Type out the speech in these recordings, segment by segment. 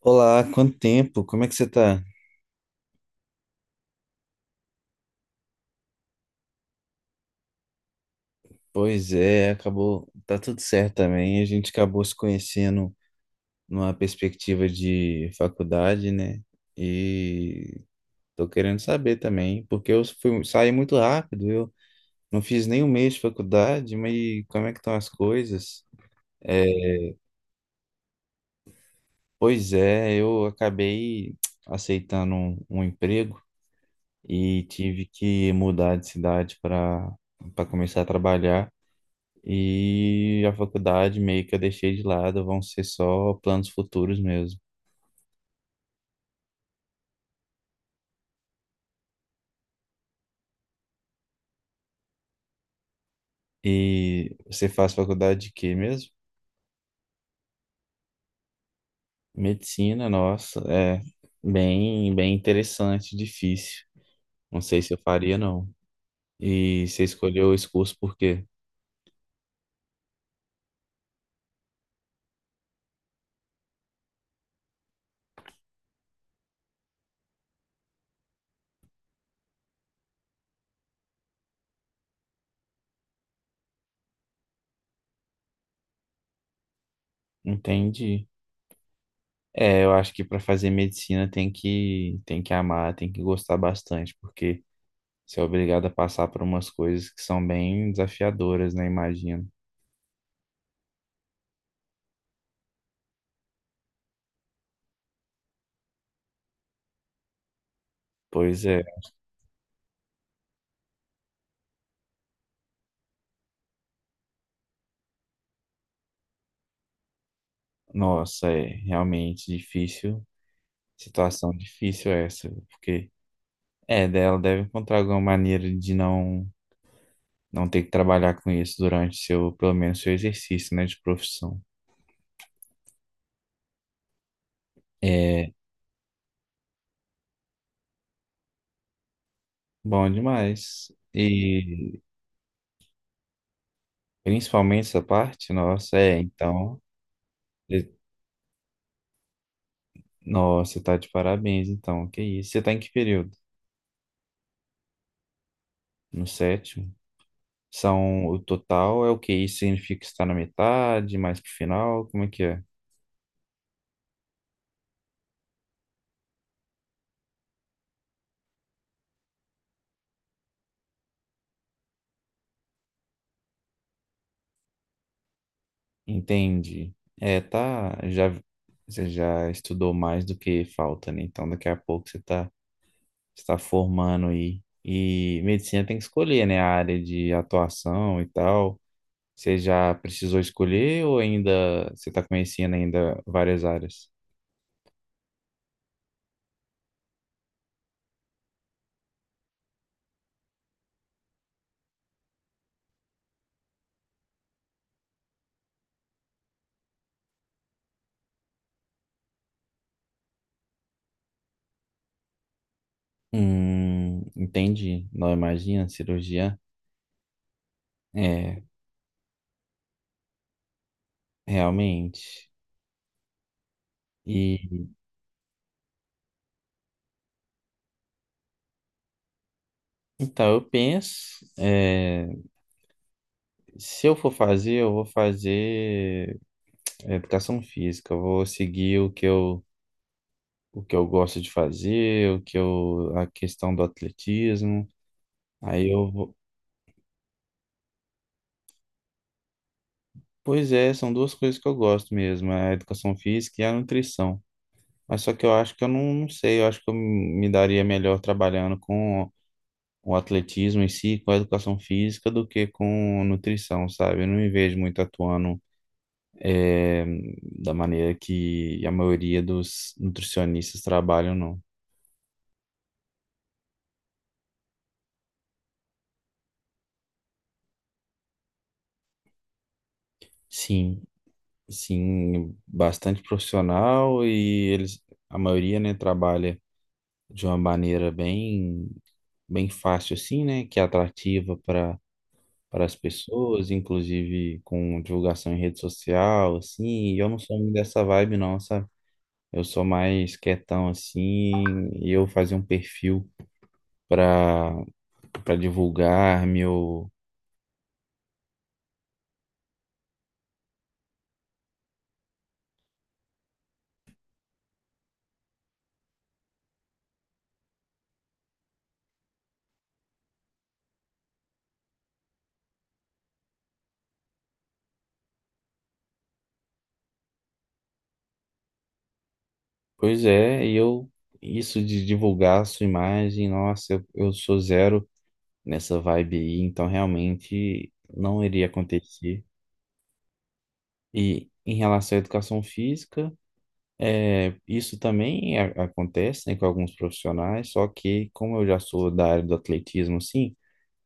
Olá, quanto tempo? Como é que você tá? Pois é, acabou, tá tudo certo também. A gente acabou se conhecendo numa perspectiva de faculdade, né? E tô querendo saber também, porque eu fui, saí muito rápido, eu não fiz nem um mês de faculdade, mas como é que estão as coisas? É, Pois é, eu acabei aceitando um emprego e tive que mudar de cidade para começar a trabalhar. E a faculdade meio que eu deixei de lado, vão ser só planos futuros mesmo. E você faz faculdade de quê mesmo? Medicina, nossa, é bem interessante, difícil. Não sei se eu faria, não. E você escolheu esse curso por quê? Entendi. É, eu acho que para fazer medicina tem que amar, tem que gostar bastante, porque você é obrigado a passar por umas coisas que são bem desafiadoras, né? Imagino. Pois é. Nossa, é realmente difícil. Situação difícil essa, porque é dela deve encontrar alguma maneira de não ter que trabalhar com isso durante seu, pelo menos seu exercício, né, de profissão. É bom demais. E principalmente essa parte, nossa, é, então, e- nossa, tá de parabéns, então. Que isso? Você tá em que período? No sétimo? São o total é o que isso significa que está na metade, mais pro final, como é que é? Entendi. É, tá, já você já estudou mais do que falta, né? Então daqui a pouco você está formando e medicina tem que escolher, né, a área de atuação e tal. Você já precisou escolher ou ainda você está conhecendo ainda várias áreas? Entendi. Não imagina cirurgia? É, realmente. E então eu penso, é, se eu for fazer, eu vou fazer. É, educação física, eu vou seguir o que eu gosto de fazer, o que eu, a questão do atletismo. Aí eu vou. Pois é, são duas coisas que eu gosto mesmo, é a educação física e a nutrição. Mas só que eu acho que eu não sei, eu acho que eu me daria melhor trabalhando com o atletismo em si, com a educação física, do que com nutrição, sabe? Eu não me vejo muito atuando eh, da maneira que a maioria dos nutricionistas trabalham, não. Sim. Sim, bastante profissional e eles, a maioria, né, trabalha de uma maneira bem, bem fácil assim, né, que é atrativa para as pessoas, inclusive com divulgação em rede social, assim, e eu não sou muito dessa vibe não, sabe? Eu sou mais quietão assim, e eu fazer um perfil para para divulgar meu. Pois é, e eu isso de divulgar a sua imagem, nossa, eu sou zero nessa vibe aí, então realmente não iria acontecer. E em relação à educação física, é, isso também acontece, né, com alguns profissionais, só que como eu já sou da área do atletismo, assim,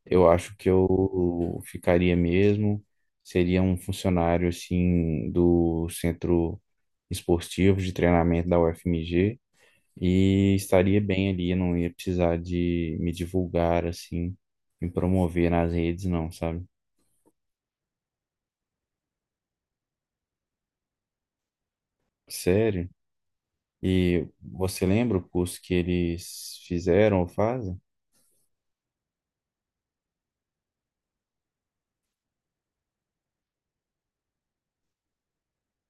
eu acho que eu ficaria mesmo, seria um funcionário, assim, do centro esportivo de treinamento da UFMG, e estaria bem ali, eu não ia precisar de me divulgar, assim, me promover nas redes, não, sabe? Sério? E você lembra o curso que eles fizeram ou fazem?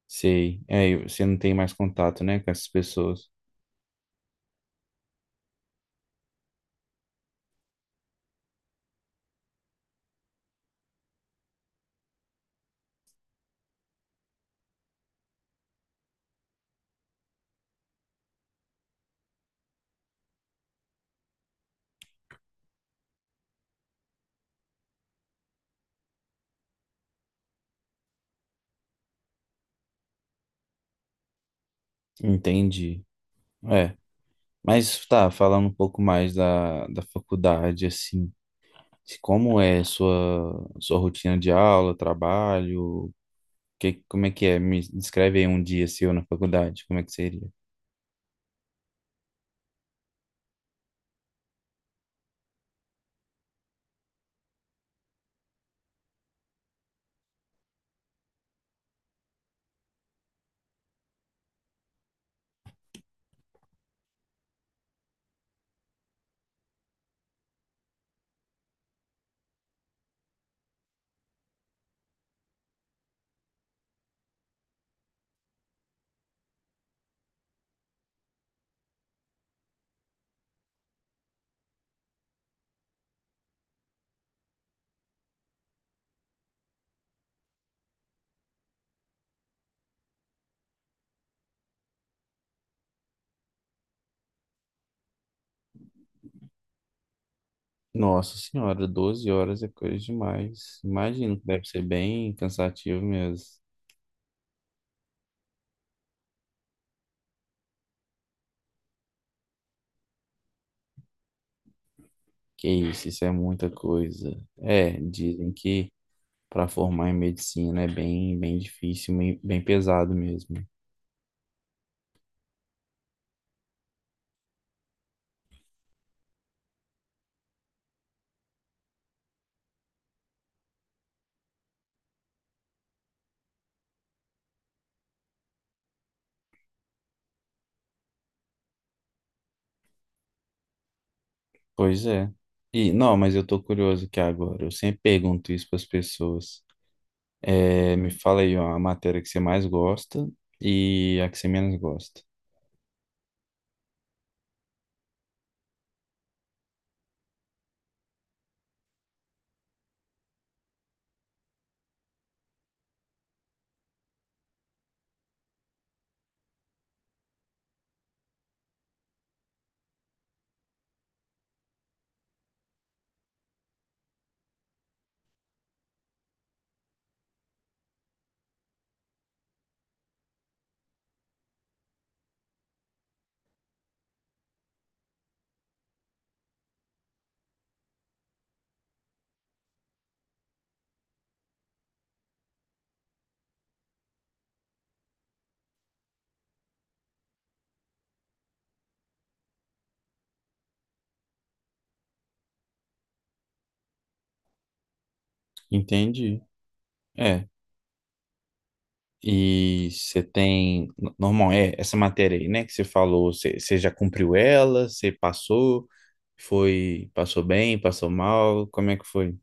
Sei. É, e você não tem mais contato, né, com essas pessoas. Entendi. É. Mas tá, falando um pouco mais da faculdade, assim, como é a sua rotina de aula, trabalho, que, como é que é? Me descreve aí um dia seu na faculdade, como é que seria? Nossa senhora, 12 horas é coisa demais. Imagino que deve ser bem cansativo mesmo. Que isso é muita coisa. É, dizem que para formar em medicina é bem, bem difícil, bem, bem pesado mesmo. Pois é. E não, mas eu tô curioso aqui agora. Eu sempre pergunto isso para as pessoas. É, me fala aí ó, a matéria que você mais gosta e a que você menos gosta. Entendi. É. E você tem. Normal, é essa matéria aí, né? Que você falou, você já cumpriu ela, você passou, foi, passou bem, passou mal, como é que foi?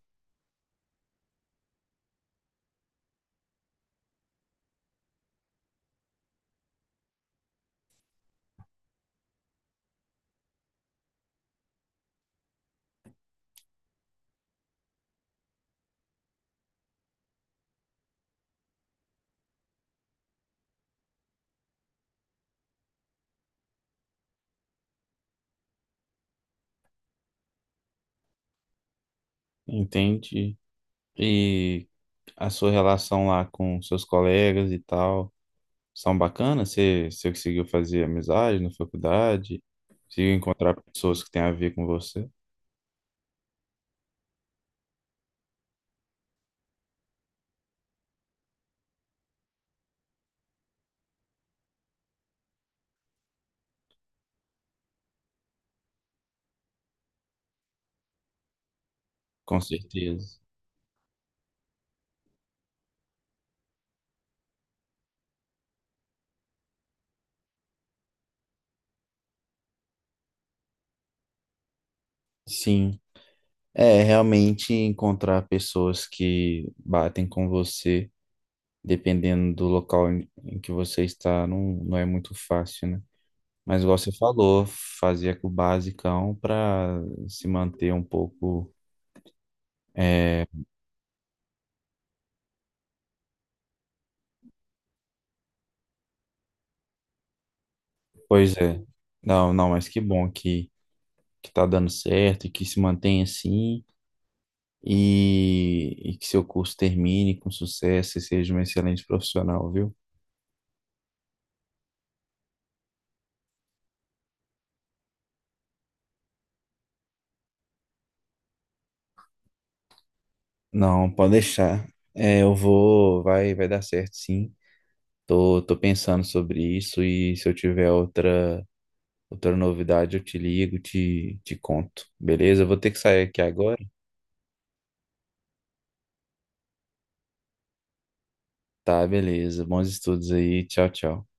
Entende. E a sua relação lá com seus colegas e tal, são bacanas? Você conseguiu fazer amizade na faculdade? Conseguiu encontrar pessoas que têm a ver com você? Com certeza. Sim. É, realmente encontrar pessoas que batem com você, dependendo do local em que você está, não é muito fácil, né? Mas igual você falou, fazia com o basicão para se manter um pouco é. Pois é. Não, não, mas que bom que tá dando certo e que se mantenha assim e que seu curso termine com sucesso e seja um excelente profissional, viu? Não, pode deixar. É, eu vou, vai, vai dar certo, sim. Tô, tô pensando sobre isso e se eu tiver outra, outra novidade, eu te ligo, te conto. Beleza? Eu vou ter que sair aqui agora. Tá, beleza. Bons estudos aí. Tchau, tchau.